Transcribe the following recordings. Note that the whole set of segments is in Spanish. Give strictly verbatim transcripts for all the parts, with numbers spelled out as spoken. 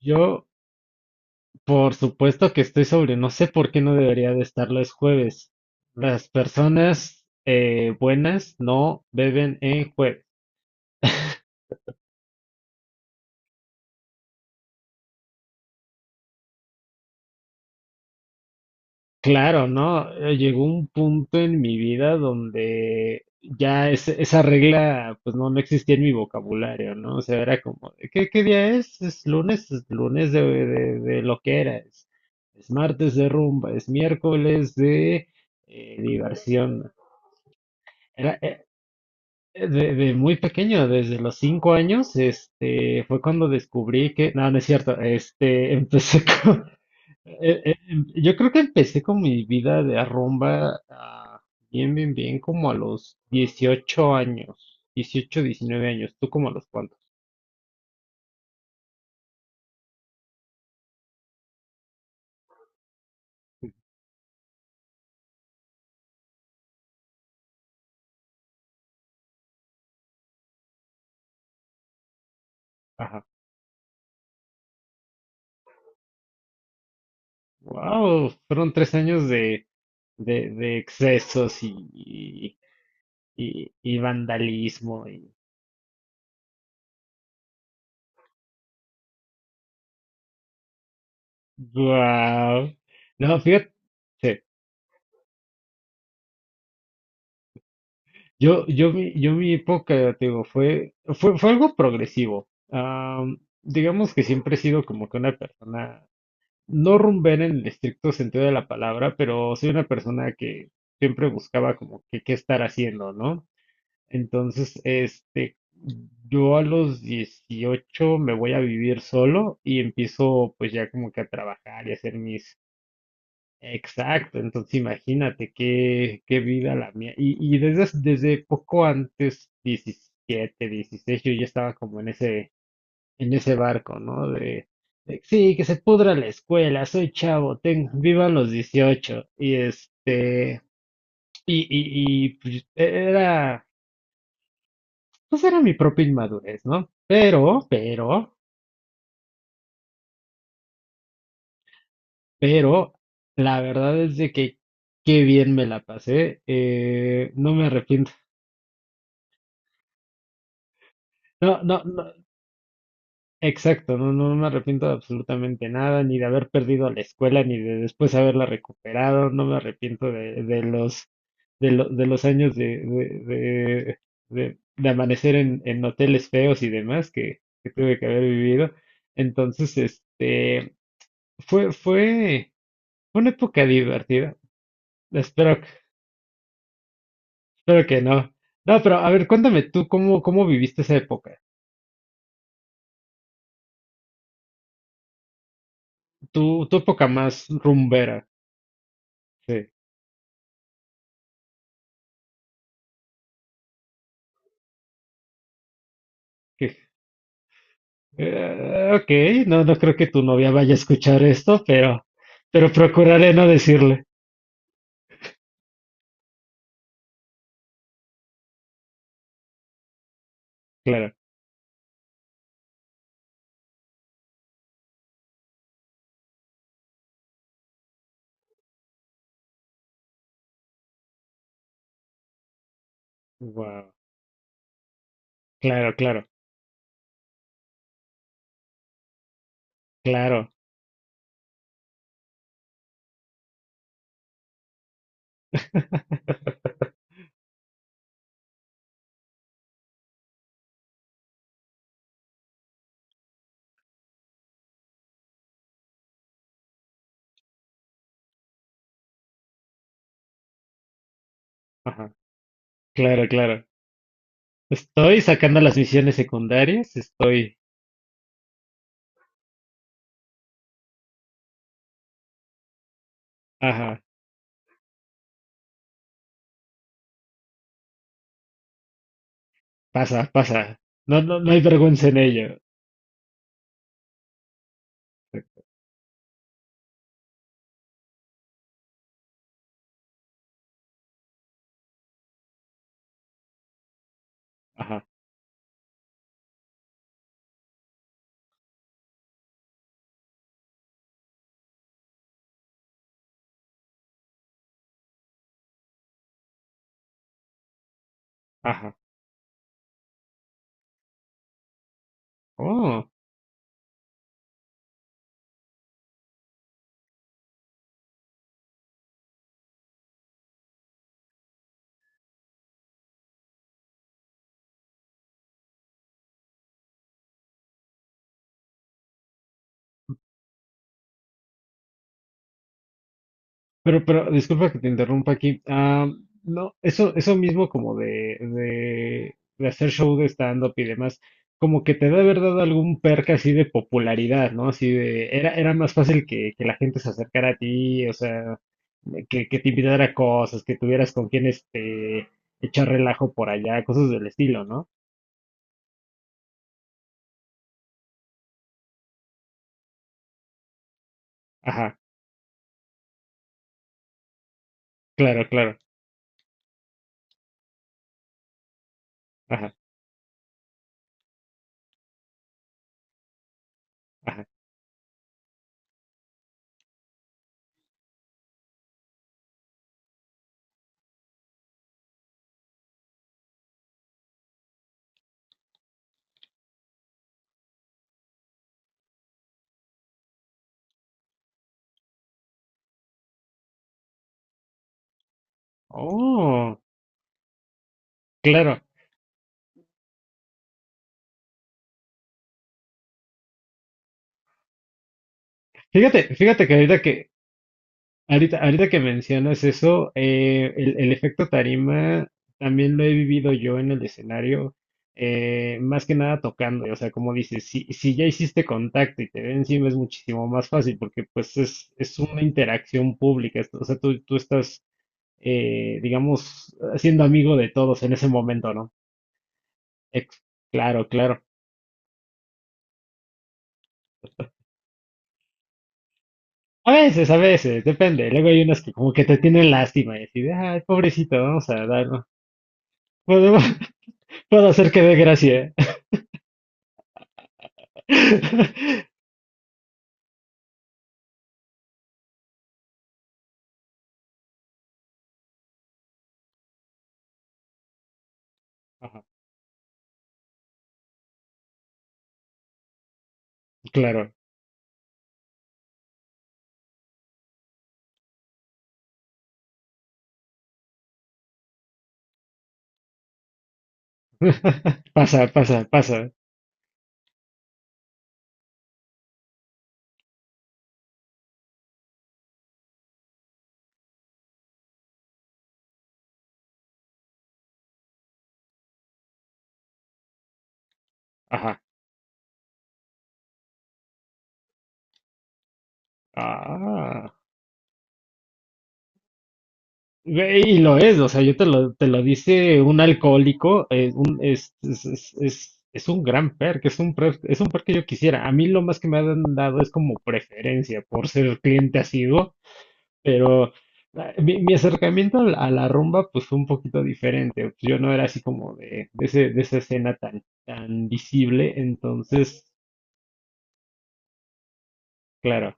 Yo, por supuesto que estoy sobre, no sé por qué no debería de estar los jueves. Las personas eh, buenas no beben en jueves. Claro, ¿no? Eh, Llegó un punto en mi vida donde ya ese- esa regla, pues no, no existía en mi vocabulario, ¿no? O sea, era como, de, ¿qué, qué día es? Es lunes, es lunes de, de, de lo que era, es, es martes de rumba, es miércoles de eh, diversión. Eh, De, de muy pequeño, desde los cinco años, este, fue cuando descubrí que no, no es cierto. Este, empecé con, eh, eh, em- yo creo que empecé con mi vida de arrumba, ah, bien, bien, bien, como a los dieciocho años, dieciocho diecinueve años. ¿Tú como a los cuantos? Ajá, wow, fueron tres años de, de, de excesos y, y, y vandalismo y, wow, no, fíjate. Sí. Yo, yo, mi, yo mi época, te digo, fue, fue, fue algo progresivo. Am, digamos que siempre he sido como que una persona no rumbera en el estricto sentido de la palabra, pero soy una persona que siempre buscaba como que qué estar haciendo, ¿no? Entonces, este, yo a los dieciocho me voy a vivir solo y empiezo pues ya como que a trabajar y hacer mis. Exacto, entonces imagínate qué, qué vida la mía. Y, y desde, hace- desde poco antes, diecisiete dieciséis yo ya estaba como en ese, en ese barco, ¿no? De, de, sí, que se pudra la escuela, soy chavo, tengo, vivan los dieciocho. Y este, y, y, y pues, era, pues era mi propia inmadurez, ¿no? Pero, pero, pero, la verdad es de que qué bien me la pasé, eh, no me arrepiento. No, no, no. Exacto, no, no me arrepiento de absolutamente nada, ni de haber perdido la escuela, ni de después haberla recuperado, no me arrepiento de, de los, de, lo- de los años de, de, de, de- de amanecer en, en hoteles feos y demás que, que tuve que haber vivido. Entonces, este, fue, fue, fue una época divertida. Espero, que- Espero que no. No, pero a ver, cuéntame tú cómo, cómo viviste esa época, tu, tu época más rumbera, sí, que Eh, ok, no, no creo que tu novia vaya a escuchar esto, pero, pero procuraré no decirle. Claro, wow, claro, claro, claro, ajá, claro, claro. Estoy sacando las misiones secundarias, estoy. Ajá, pasa, pasa. No, no, no hay vergüenza en ello. Ajá, ajá. Oh. Pero, pero, disculpa que te interrumpa aquí. Ah, no, eso, eso mismo como de, de, de hacer show de stand-up y demás, como que te debe haber dado algún perk así de popularidad, ¿no? Así de, era, era más fácil que, que la gente se acercara a ti, o sea, que, que te invitara a cosas, que tuvieras con quién este, echar relajo por allá, cosas del estilo, ¿no? Ajá, claro, claro, ajá, ajá. Oh, claro. Fíjate, fíjate que ahorita que Ahorita, ahorita que mencionas eso, eh, el, el efecto tarima también lo he vivido yo en el escenario, eh, más que nada tocando, o sea, como dices, si, si ya hiciste contacto y te ven encima es muchísimo más fácil porque pues es, es una interacción pública, es- o sea, tú, tú estás, eh, digamos, siendo amigo de todos en ese momento, ¿no? Ex- claro, claro. A veces, a veces, depende. Luego hay unas que como que te tienen lástima y así de, ay, pobrecito, vamos a dar, ¿no? Podemos- Puedo hacer que dé gracia. Ajá, claro. Pasa, pasa, pasa. Ajá. Ah. Ve Y lo es, o sea, yo te lo, te lo dice un alcohólico, eh, un- es, es, es, es- es un gran perk, es un perk, es un perk que yo quisiera. A mí lo más que me han dado es como preferencia por ser cliente asiduo, pero ah, mi, mi acercamiento a la, a la rumba pues fue un poquito diferente. Pues, yo no era así como de, de, ese- de esa escena tan, tan visible, entonces, claro.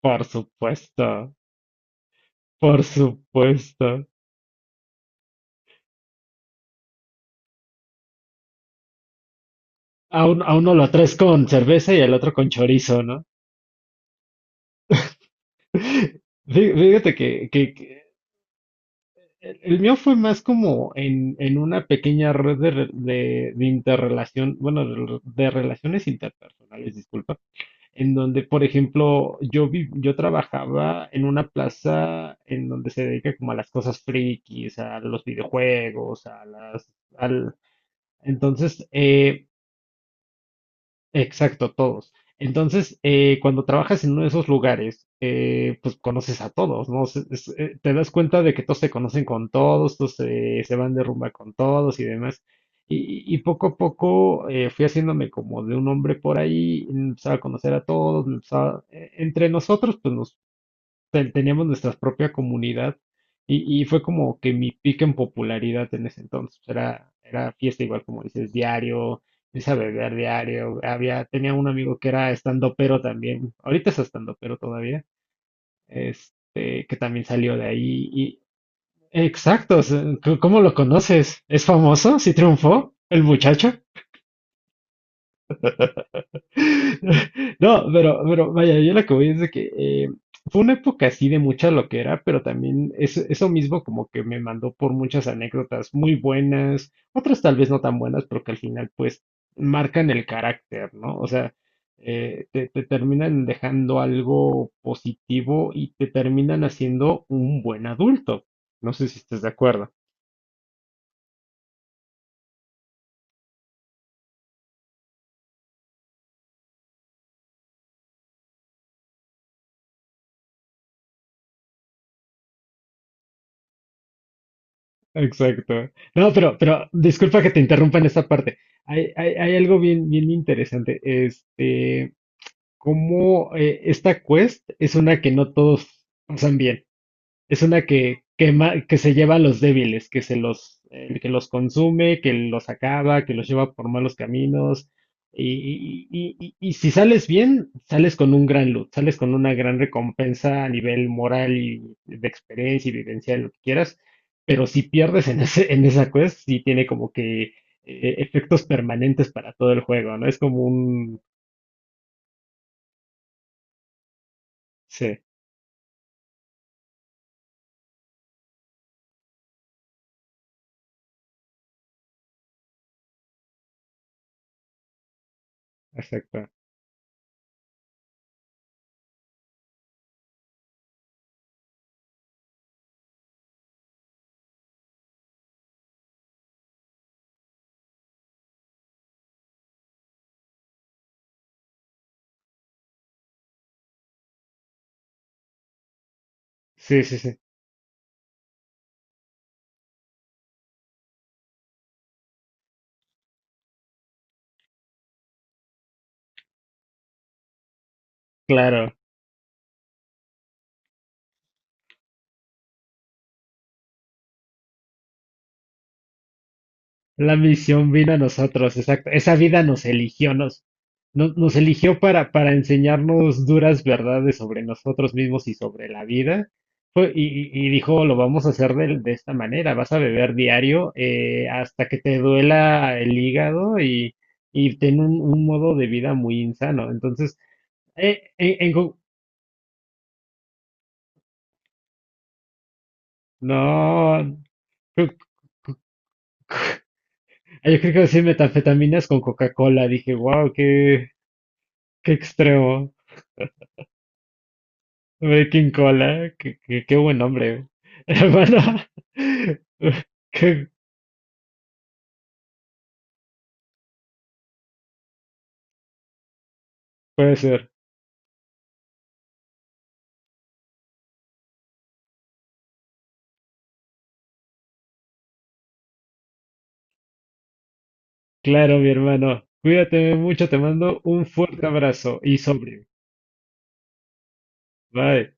Por supuesto, por supuesto. A, un- a uno lo traes con cerveza y al otro con chorizo, ¿no? Fí- Fíjate que, que- que el el mío fue más como en, en una pequeña red de, re- de, de interrelación, bueno, de, re- de relaciones interpersonales, disculpa, en donde, por ejemplo, yo vi, yo trabajaba en una plaza en donde se dedica como a las cosas frikis, a los videojuegos, a las, al, entonces, eh, exacto, todos. Entonces, eh, cuando trabajas en uno de esos lugares, eh, pues conoces a todos, ¿no? Se- es- eh, te das cuenta de que todos se conocen con todos, todos se, se van de rumba con todos y demás. Y, y poco a poco eh, fui haciéndome como de un hombre por ahí, empezaba a conocer a todos, me empezaba- eh, entre nosotros, pues nos teníamos nuestra propia comunidad y, y fue como que mi pico en popularidad en ese entonces. Era, era fiesta igual como dices, diario, empecé a beber diario. Había, tenía un amigo que era estandopero también, ahorita es estandopero todavía, este, que también salió de ahí. Y, exacto, o sea, ¿cómo lo conoces? ¿Es famoso? ¿Sí triunfó el muchacho? No, pero, pero vaya, yo lo que voy es de que eh, fue una época así de mucha loquera, pero también eso, eso mismo como que me mandó por muchas anécdotas muy buenas, otras tal vez no tan buenas, pero que al final pues marcan el carácter, ¿no? O sea, eh, te, te terminan dejando algo positivo y te terminan haciendo un buen adulto. No sé si estás de acuerdo. Exacto. No, pero, pero disculpa que te interrumpa en esta parte. Hay, hay, hay algo bien, bien interesante. Este, cómo eh, esta quest es una que no todos pasan bien. Es una que quema, que se lleva a los débiles, que se los, eh, que los consume, que los acaba, que los lleva por malos caminos. Y, y- y- y si sales bien, sales con un gran loot, sales con una gran recompensa a nivel moral y de experiencia y vivencial, lo que quieras. Pero si pierdes en ese, en esa quest, sí tiene como que eh, efectos permanentes para todo el juego, ¿no? Es como un... Sí, exacto. Sí, sí, sí. Claro. La misión vino a nosotros, exacto. Esa vida nos eligió, nos, nos, nos eligió para, para enseñarnos duras verdades sobre nosotros mismos y sobre la vida. Fue- Y, y- y dijo, lo vamos a hacer de, de esta manera, vas a beber diario eh, hasta que te duela el hígado y, y ten un, un modo de vida muy insano. Entonces, eh, en- en co- no, co- yo creo que decir metanfetaminas con Coca-Cola, dije, wow, qué, qué extremo. Güey, King Cola, qué, qué- qué buen nombre, güey. Hermano, ¿qué puede ser? Claro, mi hermano. Cuídate mucho, te mando un fuerte abrazo y sobre. Bye.